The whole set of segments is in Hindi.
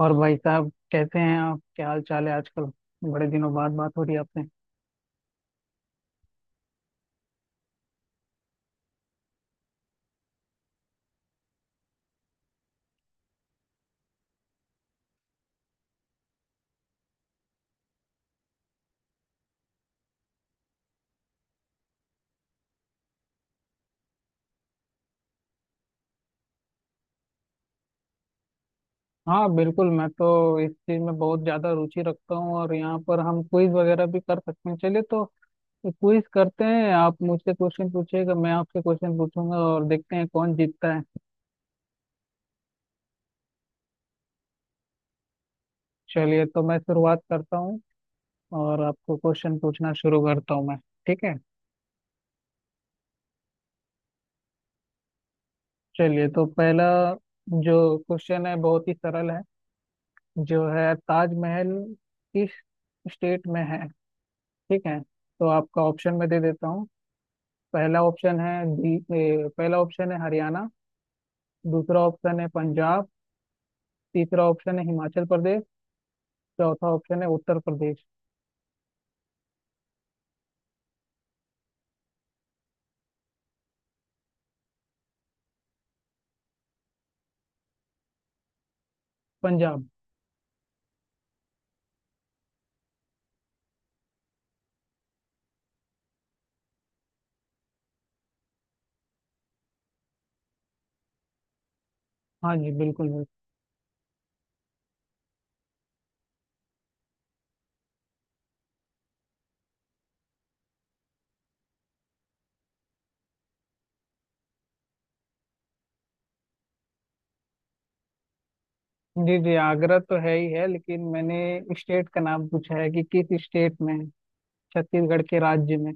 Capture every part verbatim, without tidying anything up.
और भाई साहब कैसे हैं आप? क्या हाल चाल है आजकल? बड़े दिनों बाद बात हो रही है आपसे। हाँ बिल्कुल, मैं तो इस चीज में बहुत ज्यादा रुचि रखता हूँ और यहाँ पर हम क्विज वगैरह भी कर सकते हैं। चलिए तो क्विज करते हैं। आप मुझसे क्वेश्चन पूछिएगा, मैं आपसे क्वेश्चन पूछूंगा और देखते हैं कौन जीतता है। चलिए तो मैं शुरुआत करता हूँ और आपको क्वेश्चन पूछना शुरू करता हूँ मैं। ठीक है। चलिए तो पहला जो क्वेश्चन है बहुत ही सरल है। जो है ताजमहल किस स्टेट में है? ठीक है, तो आपका ऑप्शन मैं दे देता हूँ। पहला ऑप्शन है दी, ए, पहला ऑप्शन है हरियाणा। दूसरा ऑप्शन है पंजाब। तीसरा ऑप्शन है हिमाचल प्रदेश। चौथा ऑप्शन है उत्तर प्रदेश। पंजाब। हाँ जी बिल्कुल बिल्कुल। जी जी, आगरा तो है ही है, लेकिन मैंने स्टेट का नाम पूछा है कि किस स्टेट में है, छत्तीसगढ़ के राज्य में।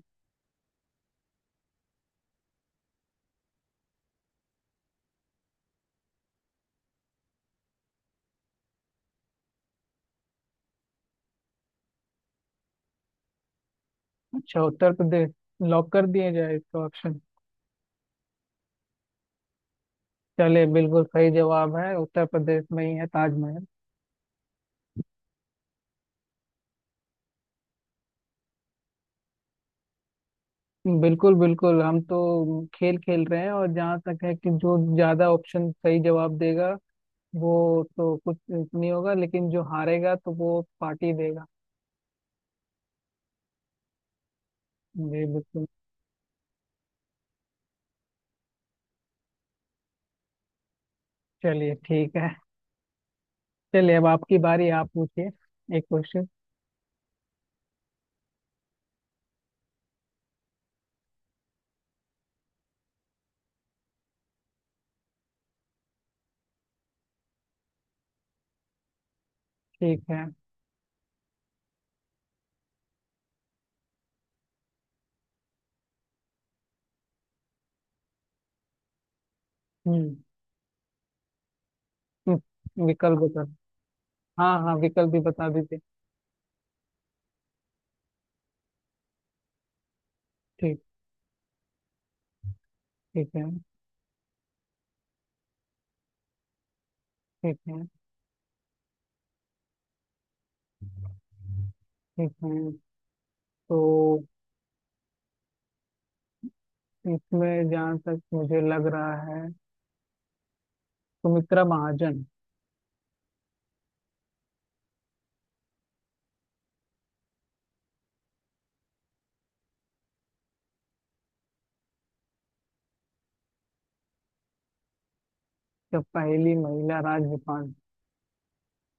अच्छा उत्तर प्रदेश, लॉक कर दिया जाए इसका ऑप्शन। चलिए बिल्कुल सही जवाब है, उत्तर प्रदेश में ही है ताजमहल। बिल्कुल बिल्कुल, हम तो खेल खेल रहे हैं, और जहाँ तक है कि जो ज्यादा ऑप्शन सही जवाब देगा वो तो कुछ नहीं होगा, लेकिन जो हारेगा तो वो पार्टी देगा। जी बिल्कुल। चलिए ठीक है। चलिए अब आपकी बारी, आप पूछिए एक क्वेश्चन। ठीक है। हम्म। हम्म, विकल्प बता। हाँ हाँ, विकल्प भी बता दीजिए। ठीक ठीक है। ठीक है। ठीक है। तो इसमें जहाँ तक मुझे लग रहा है, सुमित्रा महाजन। जब पहली महिला राज्यपाल,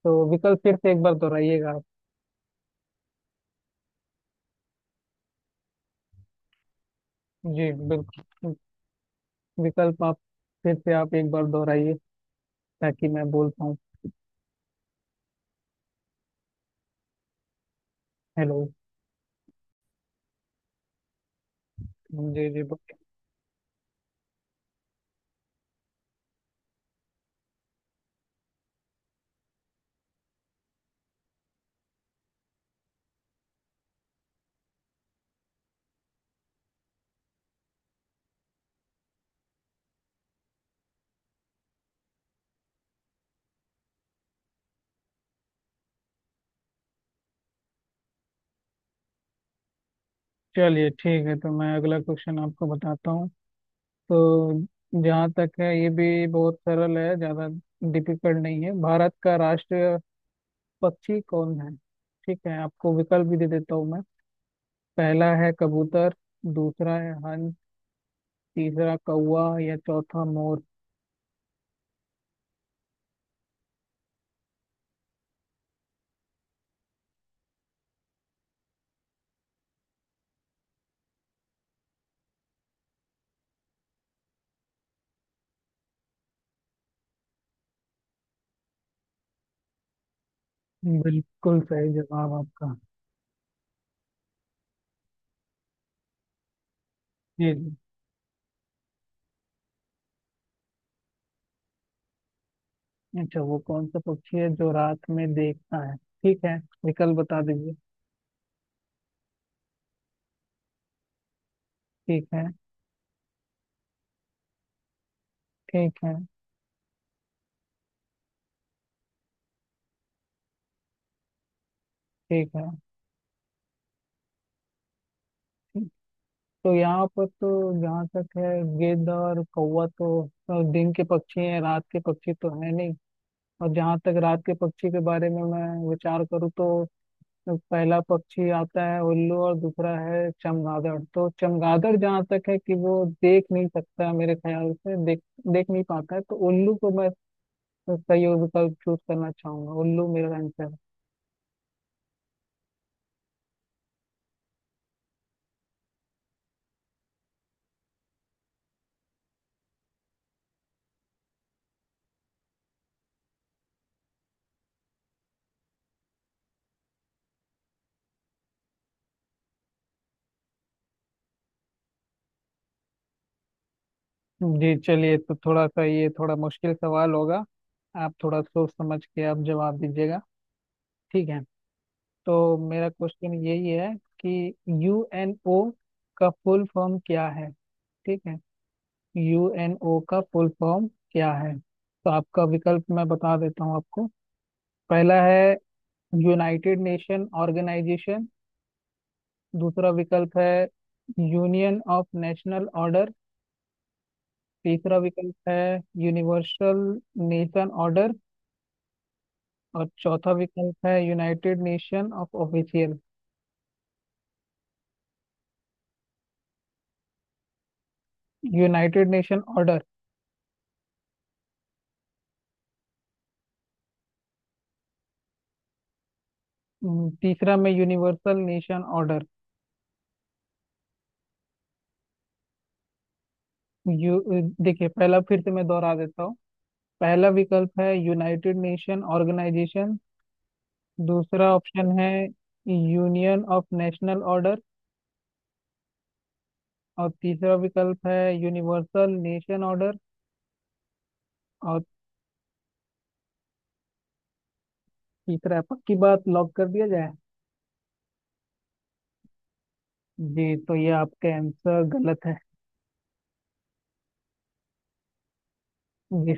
तो विकल्प फिर से एक बार दोहराइएगा आप। जी बिल्कुल, विकल्प आप फिर से आप एक बार दोहराइए ताकि मैं बोल पाऊँ। हेलो। जी जी, बोलिए। चलिए ठीक है, तो मैं अगला क्वेश्चन आपको बताता हूँ। तो जहाँ तक है ये भी बहुत सरल है, ज़्यादा डिफिकल्ट नहीं है। भारत का राष्ट्रीय पक्षी कौन है? ठीक है, आपको विकल्प भी दे देता हूँ मैं। पहला है कबूतर। दूसरा है हंस। तीसरा कौवा या चौथा मोर। बिल्कुल सही जवाब आपका। जी। अच्छा वो कौन सा पक्षी है जो रात में देखता है? ठीक है, विकल्प बता दीजिए। ठीक है। ठीक है। ठीक है। ठीक। तो यहाँ पर तो जहाँ तक है, गिद्ध और कौवा तो तो दिन के पक्षी हैं, रात के पक्षी तो है नहीं। और जहाँ तक रात के पक्षी के बारे में मैं विचार करूँ तो पहला पक्षी आता है उल्लू और दूसरा है चमगादड़। तो चमगादड़ जहाँ तक है कि वो देख नहीं सकता है मेरे ख्याल से, देख देख नहीं पाता है, तो उल्लू को मैं तो सही विकल्प चूज करना चाहूंगा। उल्लू मेरा आंसर है। जी चलिए तो थोड़ा सा ये थोड़ा मुश्किल सवाल होगा, आप थोड़ा सोच समझ के आप जवाब दीजिएगा। ठीक है, तो मेरा क्वेश्चन यही है कि यूएनओ का फुल फॉर्म क्या है? ठीक है, यूएनओ का फुल फॉर्म क्या है, तो आपका विकल्प मैं बता देता हूँ आपको। पहला है यूनाइटेड नेशन ऑर्गेनाइजेशन। दूसरा विकल्प है यूनियन ऑफ नेशनल ऑर्डर। तीसरा विकल्प है यूनिवर्सल नेशन ऑर्डर। और चौथा विकल्प है United Nation of official. United Nation Order. हम्म, तीसरा में यूनिवर्सल नेशन ऑर्डर। यू, देखिए पहला फिर से मैं दोहरा देता हूँ। पहला विकल्प है यूनाइटेड नेशन ऑर्गेनाइजेशन। दूसरा ऑप्शन है यूनियन ऑफ नेशनल ऑर्डर। और तीसरा विकल्प है यूनिवर्सल नेशन ऑर्डर। और तीसरा है, पक्की बात, लॉक कर दिया जाए। जी तो ये आपका आंसर गलत है। जिस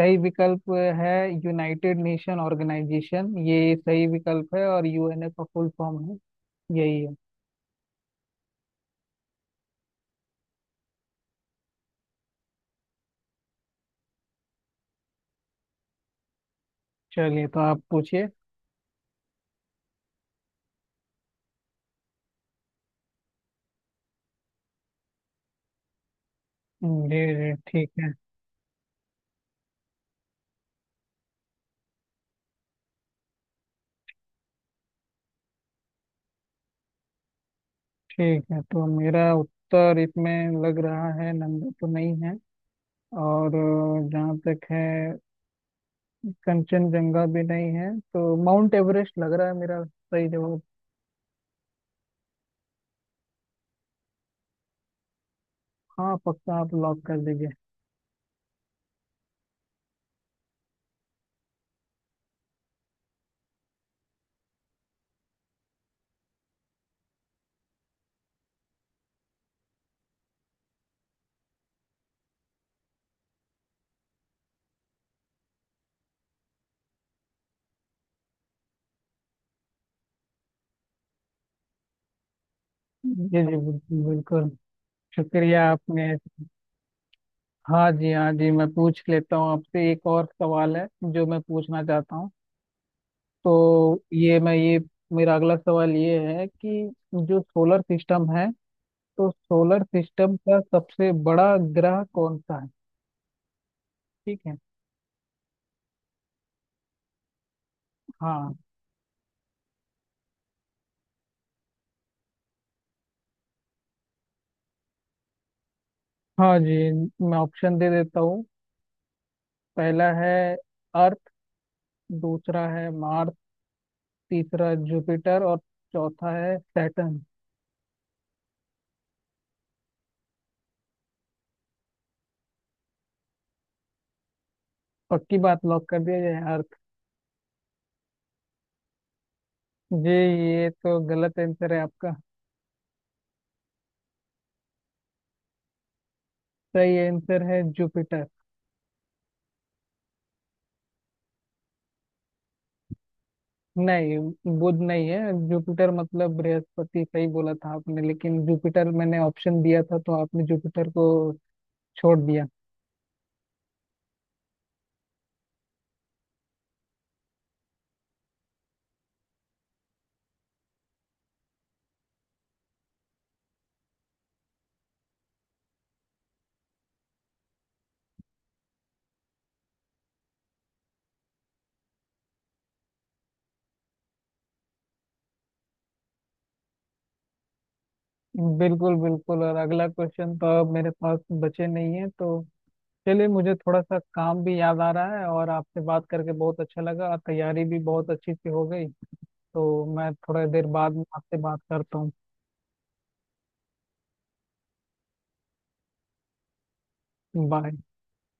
सही विकल्प है यूनाइटेड नेशन ऑर्गेनाइजेशन, ये सही विकल्प है और यूएनए का फुल फॉर्म है, यही है। चलिए तो आप पूछिए। जी जी ठीक है। ठीक है, तो मेरा उत्तर इसमें लग रहा है नंदा तो नहीं है, और अ, जहाँ तक है कंचनजंगा भी नहीं है, तो माउंट एवरेस्ट लग रहा है मेरा सही जवाब। हाँ पक्का, आप लॉक कर दीजिए। जी जी बिल्कुल बिल्कुल। शुक्रिया आपने। हाँ जी हाँ जी, मैं पूछ लेता हूँ आपसे। एक और सवाल है जो मैं पूछना चाहता हूँ। तो ये मैं ये मेरा अगला सवाल ये है कि जो सोलर सिस्टम है, तो सोलर सिस्टम का सबसे बड़ा ग्रह कौन सा है? ठीक है। हाँ। हाँ जी, मैं ऑप्शन दे देता हूँ। पहला है अर्थ। दूसरा है मार्स। तीसरा जुपिटर। और चौथा है सैटर्न। पक्की बात, लॉक कर दिया जाए अर्थ। जी ये तो गलत आंसर है आपका। सही आंसर है जुपिटर। नहीं, बुध नहीं है, जुपिटर मतलब बृहस्पति सही बोला था आपने, लेकिन जुपिटर मैंने ऑप्शन दिया था तो आपने जुपिटर को छोड़ दिया। बिल्कुल बिल्कुल, और अगला क्वेश्चन तो अब मेरे पास बचे नहीं है, तो चलिए, मुझे थोड़ा सा काम भी याद आ रहा है। और आपसे बात करके बहुत अच्छा लगा और तैयारी भी बहुत अच्छी से हो गई, तो मैं थोड़ा देर बाद में आपसे बात करता हूँ। बाय।